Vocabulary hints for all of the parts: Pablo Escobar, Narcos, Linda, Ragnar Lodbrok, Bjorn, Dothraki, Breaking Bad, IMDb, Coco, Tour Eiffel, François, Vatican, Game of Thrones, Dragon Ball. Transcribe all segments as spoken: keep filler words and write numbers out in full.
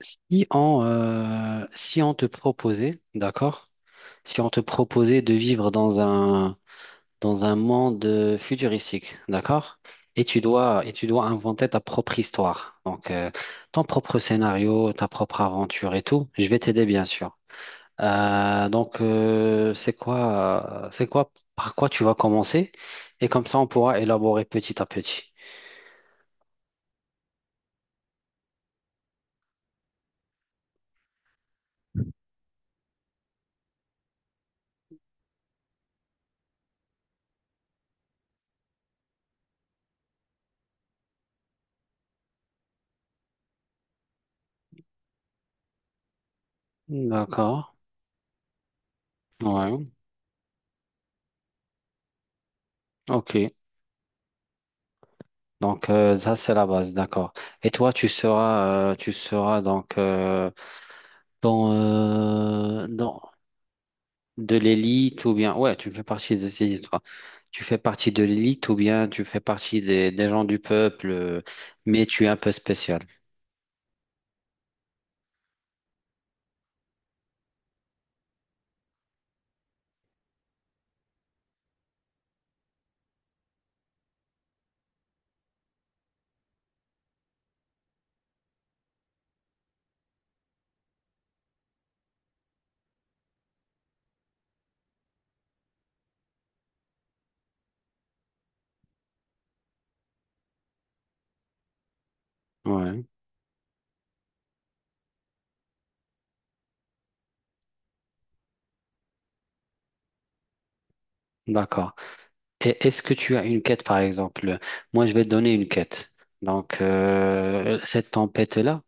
Si on, euh, si on te proposait, d'accord? Si on te proposait de vivre dans un, dans un monde euh, futuristique, d'accord? Et tu dois, et tu dois inventer ta propre histoire. Donc, euh, ton propre scénario, ta propre aventure et tout. Je vais t'aider, bien sûr. Euh, donc, euh, c'est quoi, euh, c'est quoi, par quoi tu vas commencer? Et comme ça, on pourra élaborer petit à petit. D'accord. Ouais. Ok. Donc euh, ça c'est la base, d'accord. Et toi, tu seras euh, tu seras donc, euh, dans euh, dans de l'élite ou bien, ouais, tu fais partie de ces histoires. Tu fais partie de l'élite ou bien tu fais partie des, des gens du peuple, euh, mais tu es un peu spécial. Ouais, d'accord. Et est-ce que tu as une quête, par exemple? Moi, je vais te donner une quête. Donc euh, cette tempête-là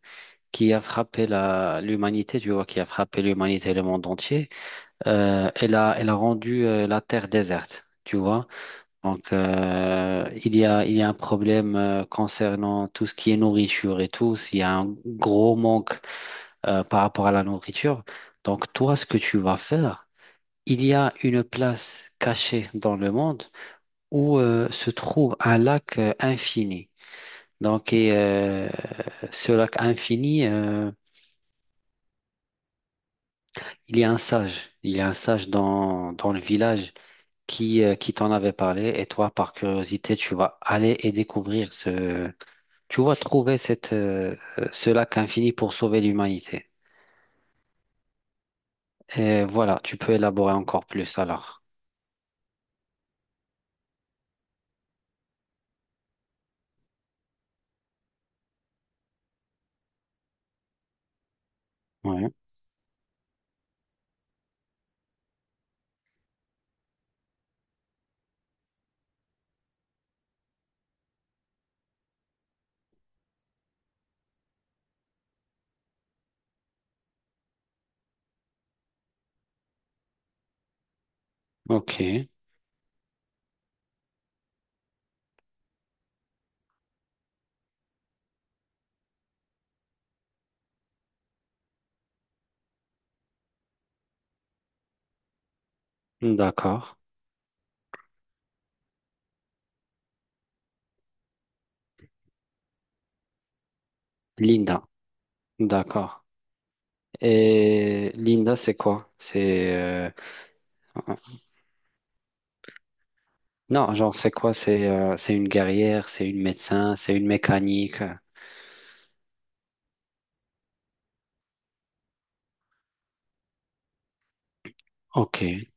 qui a frappé la l'humanité, tu vois, qui a frappé l'humanité et le monde entier. Euh, elle a, elle a rendu euh, la terre déserte, tu vois. Donc, euh, il y a, il y a un problème euh, concernant tout ce qui est nourriture et tout. S'il y a un gros manque euh, par rapport à la nourriture, donc toi, ce que tu vas faire, il y a une place cachée dans le monde où euh, se trouve un lac euh, infini. Donc, et, euh, ce lac infini, euh, il y a un sage. Il y a un sage dans, dans le village. qui, euh, qui t'en avait parlé, et toi, par curiosité, tu vas aller et découvrir ce... Tu vas trouver cette, euh, euh, ce lac infini pour sauver l'humanité. Et voilà, tu peux élaborer encore plus alors. Oui, ok, d'accord. Linda, d'accord. Et Linda, c'est quoi? C'est... euh, Non, genre, c'est quoi? C'est euh, c'est une guerrière, c'est une médecin, c'est une mécanique. Ok,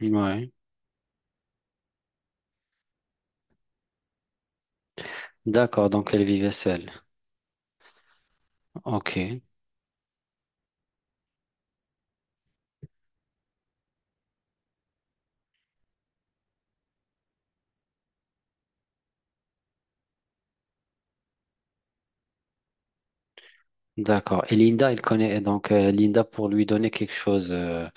ouais. D'accord, donc elle vivait seule. Ok. D'accord. Et Linda, elle connaît donc euh, Linda pour lui donner quelque chose. euh,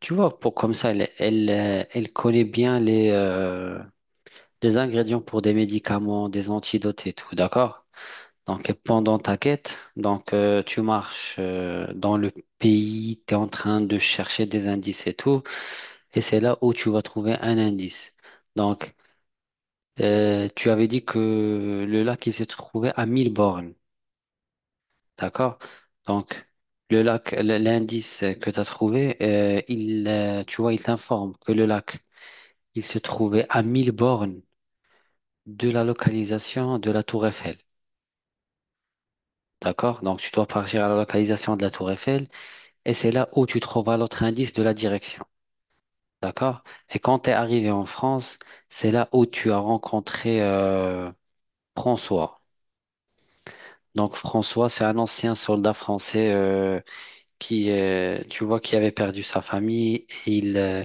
Tu vois, pour comme ça, elle, elle, euh, elle connaît bien les, euh, les ingrédients pour des médicaments, des antidotes et tout. D'accord? Donc, pendant ta quête, donc euh, tu marches euh, dans le pays, tu es en train de chercher des indices et tout, et c'est là où tu vas trouver un indice. Donc euh, tu avais dit que le lac il se trouvait à mille bornes. D'accord? Donc, le lac, le- l'indice que tu as trouvé, euh, il, euh, tu vois, il t'informe que le lac, il se trouvait à mille bornes de la localisation de la Tour Eiffel. D'accord? Donc, tu dois partir à la localisation de la Tour Eiffel, et c'est là où tu trouveras l'autre indice de la direction. D'accord? Et quand tu es arrivé en France, c'est là où tu as rencontré, euh, François. Donc, François, c'est un ancien soldat français euh, qui, euh, tu vois, qui avait perdu sa famille. Et il, euh,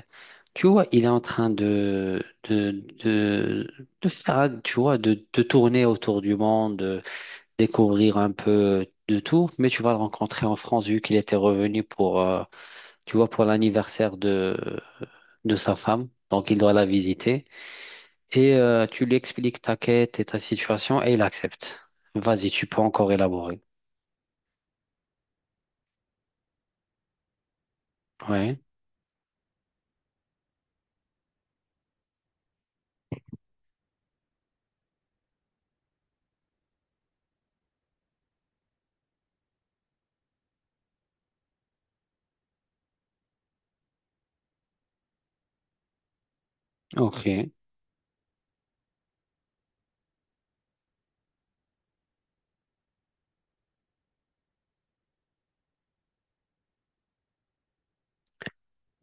Tu vois, il est en train de, de, de, de faire, tu vois, de, de tourner autour du monde, de découvrir un peu de tout. Mais tu vas le rencontrer en France, vu qu'il était revenu pour, euh, tu vois, pour l'anniversaire de, de sa femme. Donc, il doit la visiter. Et euh, tu lui expliques ta quête et ta situation, et il accepte. Vas-y, tu peux encore élaborer. Ouais, ok,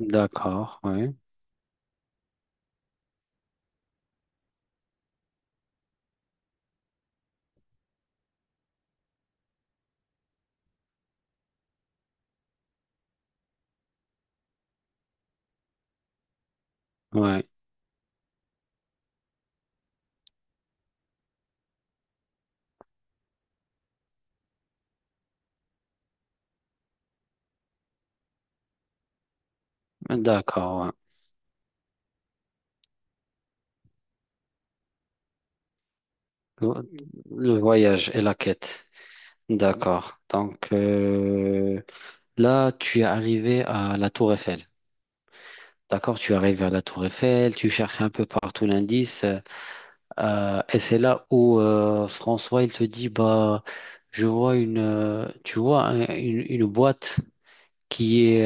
d'accord, ouais, ouais. D'accord, ouais. Le le voyage et la quête. D'accord. Donc euh, là, tu es arrivé à la Tour Eiffel. D'accord, tu arrives à la Tour Eiffel, tu cherches un peu partout l'indice, euh, et c'est là où, euh, François il te dit, bah, je vois une... euh, tu vois, un- une, une boîte qui est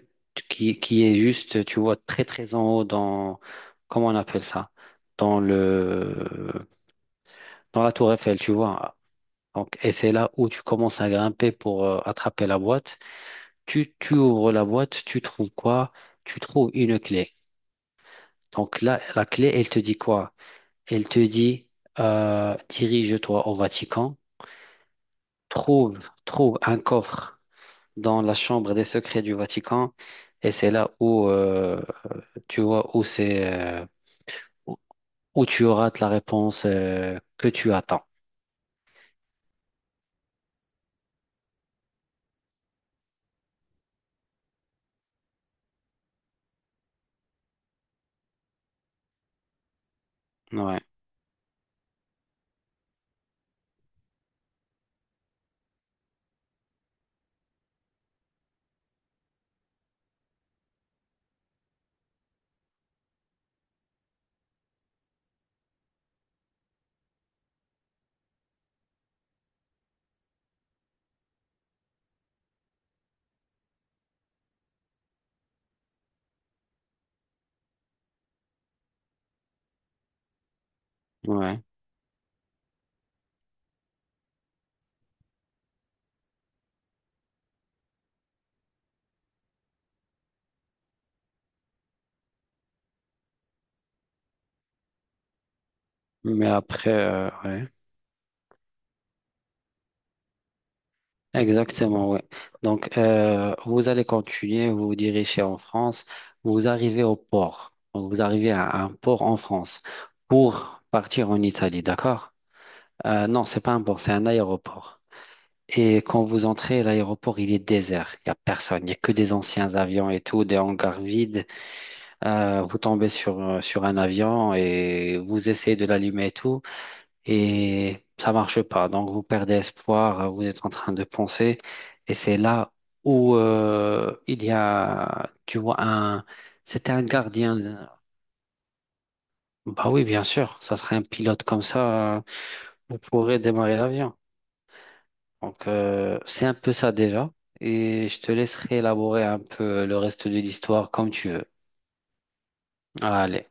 euh, qui, qui est juste, tu vois, très très en haut, dans comment on appelle ça, dans le dans la Tour Eiffel, tu vois. Donc, et c'est là où tu commences à grimper pour euh, attraper la boîte. Tu, tu ouvres la boîte, tu trouves quoi? Tu trouves une clé. Donc là, la clé, elle te dit quoi? Elle te dit, euh, dirige-toi au Vatican, trouve, trouve un coffre dans la chambre des secrets du Vatican, et c'est là où, euh, tu vois, où c'est euh, où où tu auras la réponse euh, que tu attends. Ouais, ouais. Mais après, euh, ouais. Exactement, oui. Donc, euh, vous allez continuer, vous vous dirigez en France, vous arrivez au port. Donc, vous arrivez à un port en France pour partir en Italie, d'accord? Euh, non, c'est pas un port, c'est un aéroport. Et quand vous entrez, l'aéroport, il est désert. Il n'y a personne, il n'y a que des anciens avions et tout, des hangars vides. Euh, vous tombez sur, euh, sur un avion et vous essayez de l'allumer et tout, et ça marche pas. Donc vous perdez espoir, euh, vous êtes en train de penser, et c'est là où, euh, il y a, tu vois, un, c'était un gardien. Bah oui, bien sûr, ça serait un pilote, comme ça, euh, vous pourrez démarrer l'avion. Donc euh, c'est un peu ça déjà, et je te laisserai élaborer un peu le reste de l'histoire comme tu veux. Allez.